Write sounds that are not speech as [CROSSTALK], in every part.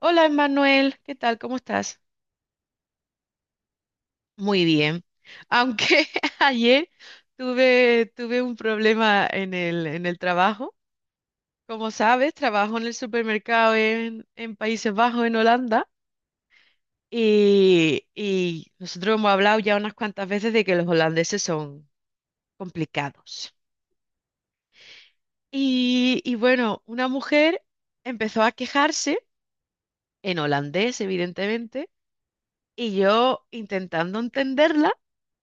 Hola, Emanuel, ¿qué tal? ¿Cómo estás? Muy bien. Aunque [LAUGHS] ayer tuve un problema en el trabajo. Como sabes, trabajo en el supermercado en Países Bajos, en Holanda, y nosotros hemos hablado ya unas cuantas veces de que los holandeses son complicados. Y bueno, una mujer empezó a quejarse, en holandés, evidentemente. Y yo intentando entenderla,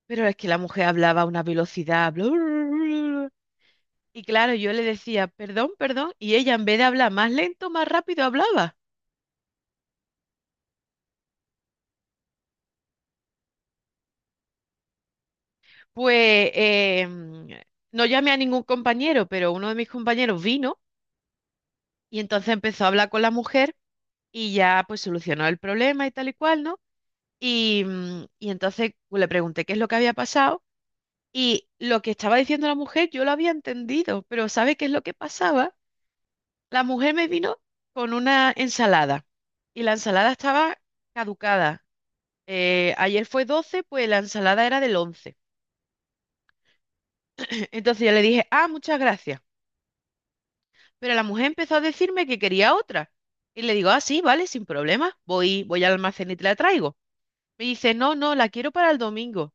pero es que la mujer hablaba a una velocidad, bla, bla, bla, bla. Y claro, yo le decía, perdón, perdón, y ella en vez de hablar más lento, más rápido hablaba. Pues no llamé a ningún compañero, pero uno de mis compañeros vino y entonces empezó a hablar con la mujer y ya pues solucionó el problema y tal y cual, ¿no? Y entonces pues le pregunté qué es lo que había pasado, y lo que estaba diciendo la mujer yo lo había entendido, pero ¿sabe qué es lo que pasaba? La mujer me vino con una ensalada y la ensalada estaba caducada. Ayer fue 12, pues la ensalada era del 11. [LAUGHS] Entonces yo le dije, ah, muchas gracias. Pero la mujer empezó a decirme que quería otra. Y le digo, ah, sí, vale, sin problema. Voy al almacén y te la traigo. Me dice, no, no, la quiero para el domingo.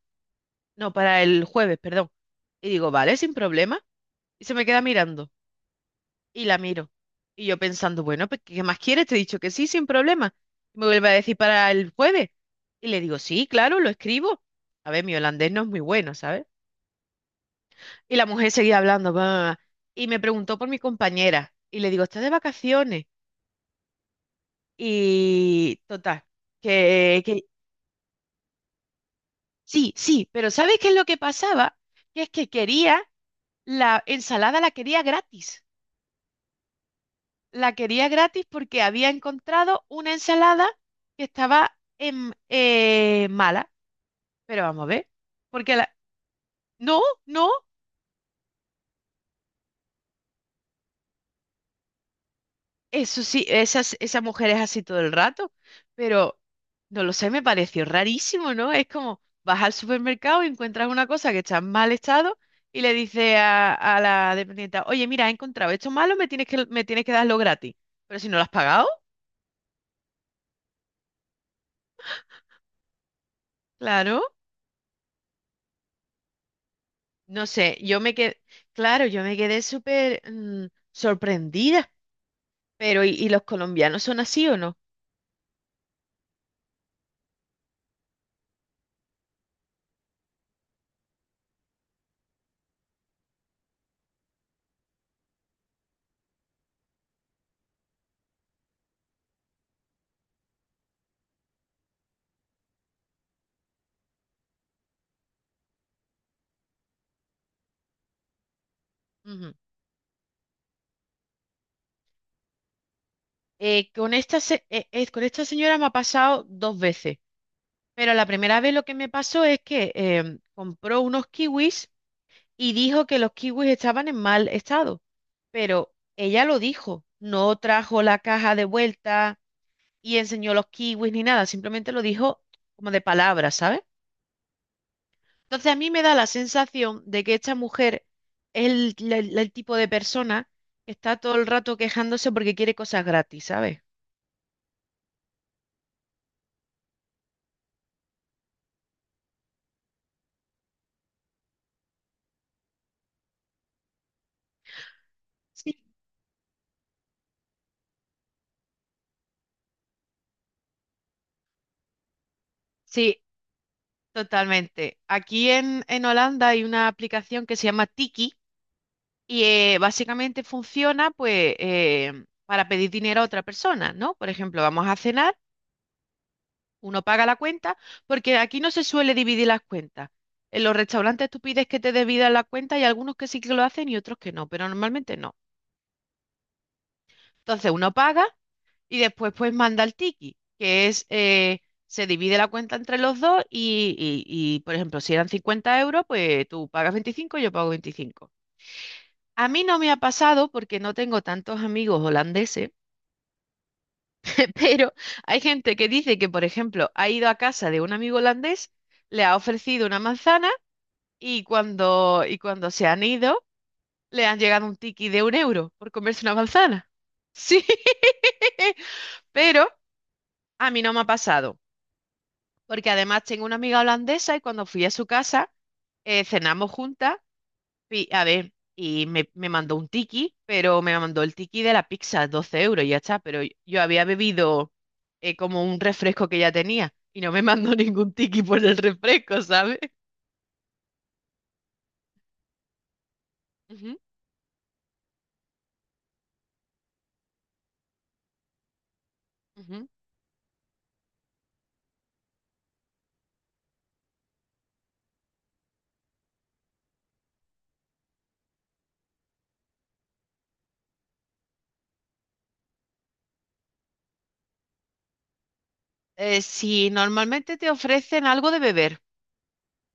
No, para el jueves, perdón. Y digo, vale, sin problema. Y se me queda mirando y la miro. Y yo pensando, bueno, pues ¿qué más quieres? Te he dicho que sí, sin problema. Me vuelve a decir para el jueves. Y le digo, sí, claro, lo escribo. A ver, mi holandés no es muy bueno, ¿sabes? Y la mujer seguía hablando, va, y me preguntó por mi compañera. Y le digo, ¿estás de vacaciones? Y total, que sí, sí, pero ¿sabes qué es lo que pasaba? Que es que quería la ensalada, la quería gratis. La quería gratis porque había encontrado una ensalada que estaba mala. Pero vamos a ver. Porque la... No, no. Eso sí, esa mujer es así todo el rato. Pero no lo sé, me pareció rarísimo, ¿no? Es como vas al supermercado y encuentras una cosa que está en mal estado y le dices a la dependienta, oye, mira, he encontrado esto malo, me tienes que darlo gratis. Pero si no lo has pagado, claro. No sé, yo me quedé, claro, yo me quedé súper sorprendida, pero y los colombianos son así o no? Ujú. Con esta señora me ha pasado dos veces, pero la primera vez lo que me pasó es que compró unos kiwis y dijo que los kiwis estaban en mal estado, pero ella lo dijo, no trajo la caja de vuelta y enseñó los kiwis ni nada, simplemente lo dijo como de palabras, ¿sabes? Entonces a mí me da la sensación de que esta mujer es el tipo de persona que está todo el rato quejándose porque quiere cosas gratis, ¿sabes? Sí. Sí, totalmente. Aquí en Holanda hay una aplicación que se llama Tiki y básicamente funciona pues para pedir dinero a otra persona, ¿no? Por ejemplo, vamos a cenar, uno paga la cuenta, porque aquí no se suele dividir las cuentas. En los restaurantes tú pides que te dividan la cuenta y algunos que sí que lo hacen y otros que no, pero normalmente no. Entonces uno paga y después pues manda el tiki, que es, se divide la cuenta entre los dos y, por ejemplo, si eran 50 euros, pues tú pagas 25 y yo pago 25. A mí no me ha pasado porque no tengo tantos amigos holandeses, [LAUGHS] pero hay gente que dice que, por ejemplo, ha ido a casa de un amigo holandés, le ha ofrecido una manzana y cuando se han ido, le han llegado un tiki de 1 euro por comerse una manzana. [LAUGHS] Sí, [LAUGHS] pero a mí no me ha pasado, porque además tengo una amiga holandesa y cuando fui a su casa cenamos juntas. Y, a ver, y me mandó un tiki, pero me mandó el tiki de la pizza, 12 euros y ya está. Pero yo había bebido como un refresco que ya tenía y no me [LAUGHS] mandó ningún tiki por el refresco, ¿sabes? Ujú, ujú. Si normalmente te ofrecen algo de beber,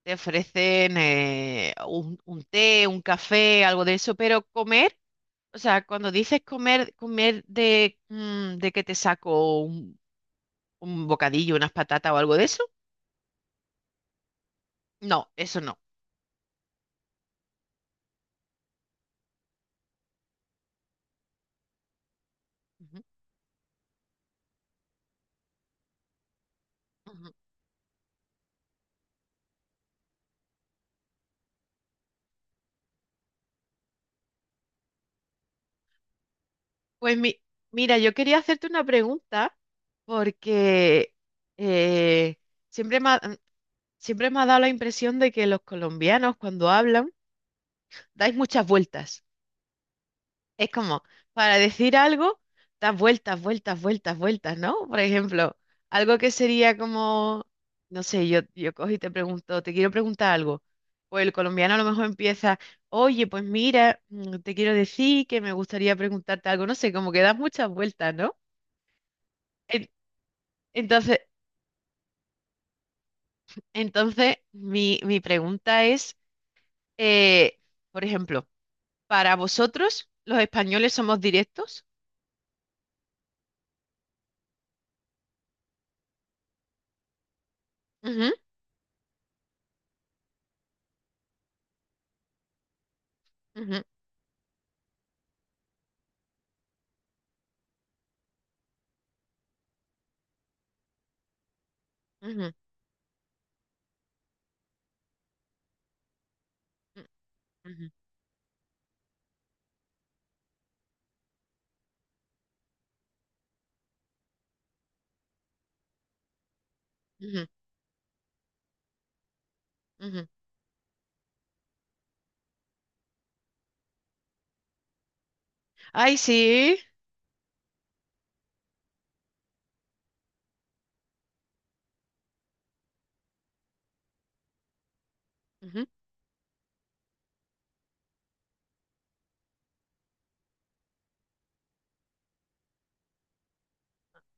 te ofrecen un té, un café, algo de eso, pero comer... O sea, cuando dices comer, comer de que te saco un bocadillo, unas patatas o algo de eso, no, eso no. Ujú. Ujú. Pues mira, yo quería hacerte una pregunta porque eh, siempre me ha, siempre me ha dado la impresión de que los colombianos cuando hablan dais muchas vueltas. Es como, para decir algo, das vueltas, vueltas, vueltas, vueltas, ¿no? Por ejemplo, algo que sería como, no sé, yo cojo y te pregunto, te quiero preguntar algo. Pues el colombiano a lo mejor empieza, oye, pues mira, mm, te quiero decir que me gustaría preguntarte algo, no sé, como que das muchas vueltas, ¿no? En- Entonces, entonces, mi pregunta es, eh, por ejemplo, para vosotros, los españoles somos directos. Ujú, ujú, ujú, ujú, ujú, ujú. Ujú. Ay, sí. Ujú.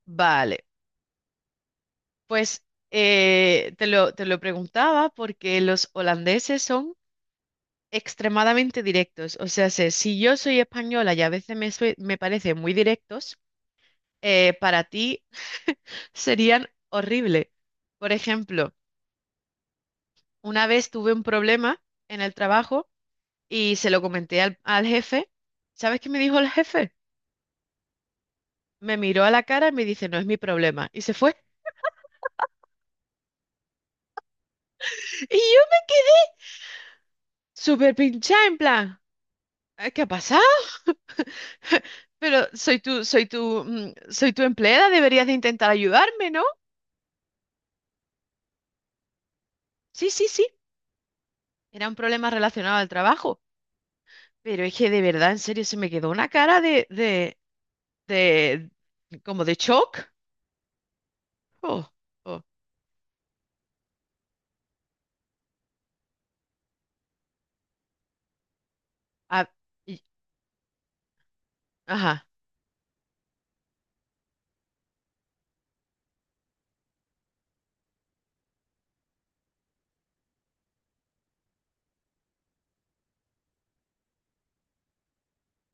Vale, pues te lo preguntaba porque los holandeses son extremadamente directos. O sea, si yo soy española y a veces me parecen muy directos, para ti serían horrible. Por ejemplo, una vez tuve un problema en el trabajo y se lo comenté al jefe. ¿Sabes qué me dijo el jefe? Me miró a la cara y me dice, no es mi problema. Y se fue. [LAUGHS] Y yo, súper pinchada, en plan. ¿Qué ha pasado? Pero soy tu empleada, deberías de intentar ayudarme, ¿no? Sí, sí, sí. Era un problema relacionado al trabajo. Pero es que de verdad, en serio, se me quedó una cara de, como de shock. Oh, oh. Ah, y- ajá.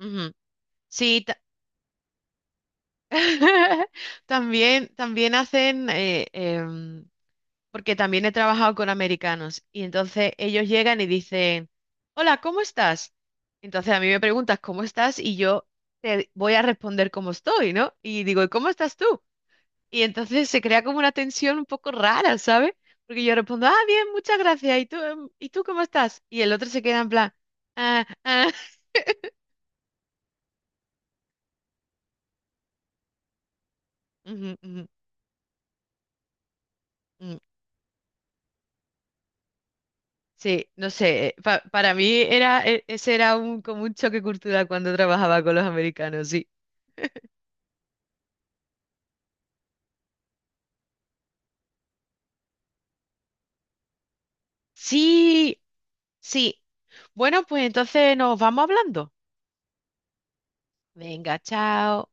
Ujú. Sí, [LAUGHS] también hacen, porque también he trabajado con americanos y entonces ellos llegan y dicen, hola, ¿cómo estás? Entonces a mí me preguntas, ¿cómo estás? Y yo te voy a responder cómo estoy, ¿no? Y digo, ¿y cómo estás tú? Y entonces se crea como una tensión un poco rara, ¿sabes? Porque yo respondo, ah, bien, muchas gracias. ¿Y tú cómo estás? Y el otro se queda en plan, ah, ah. [LAUGHS] Ujú, ujú, ujú. Sí, no sé, para mí era, ese era un, como un choque cultural cuando trabajaba con los americanos, sí. Sí, sí. Bueno, pues entonces nos vamos hablando. Venga, chao.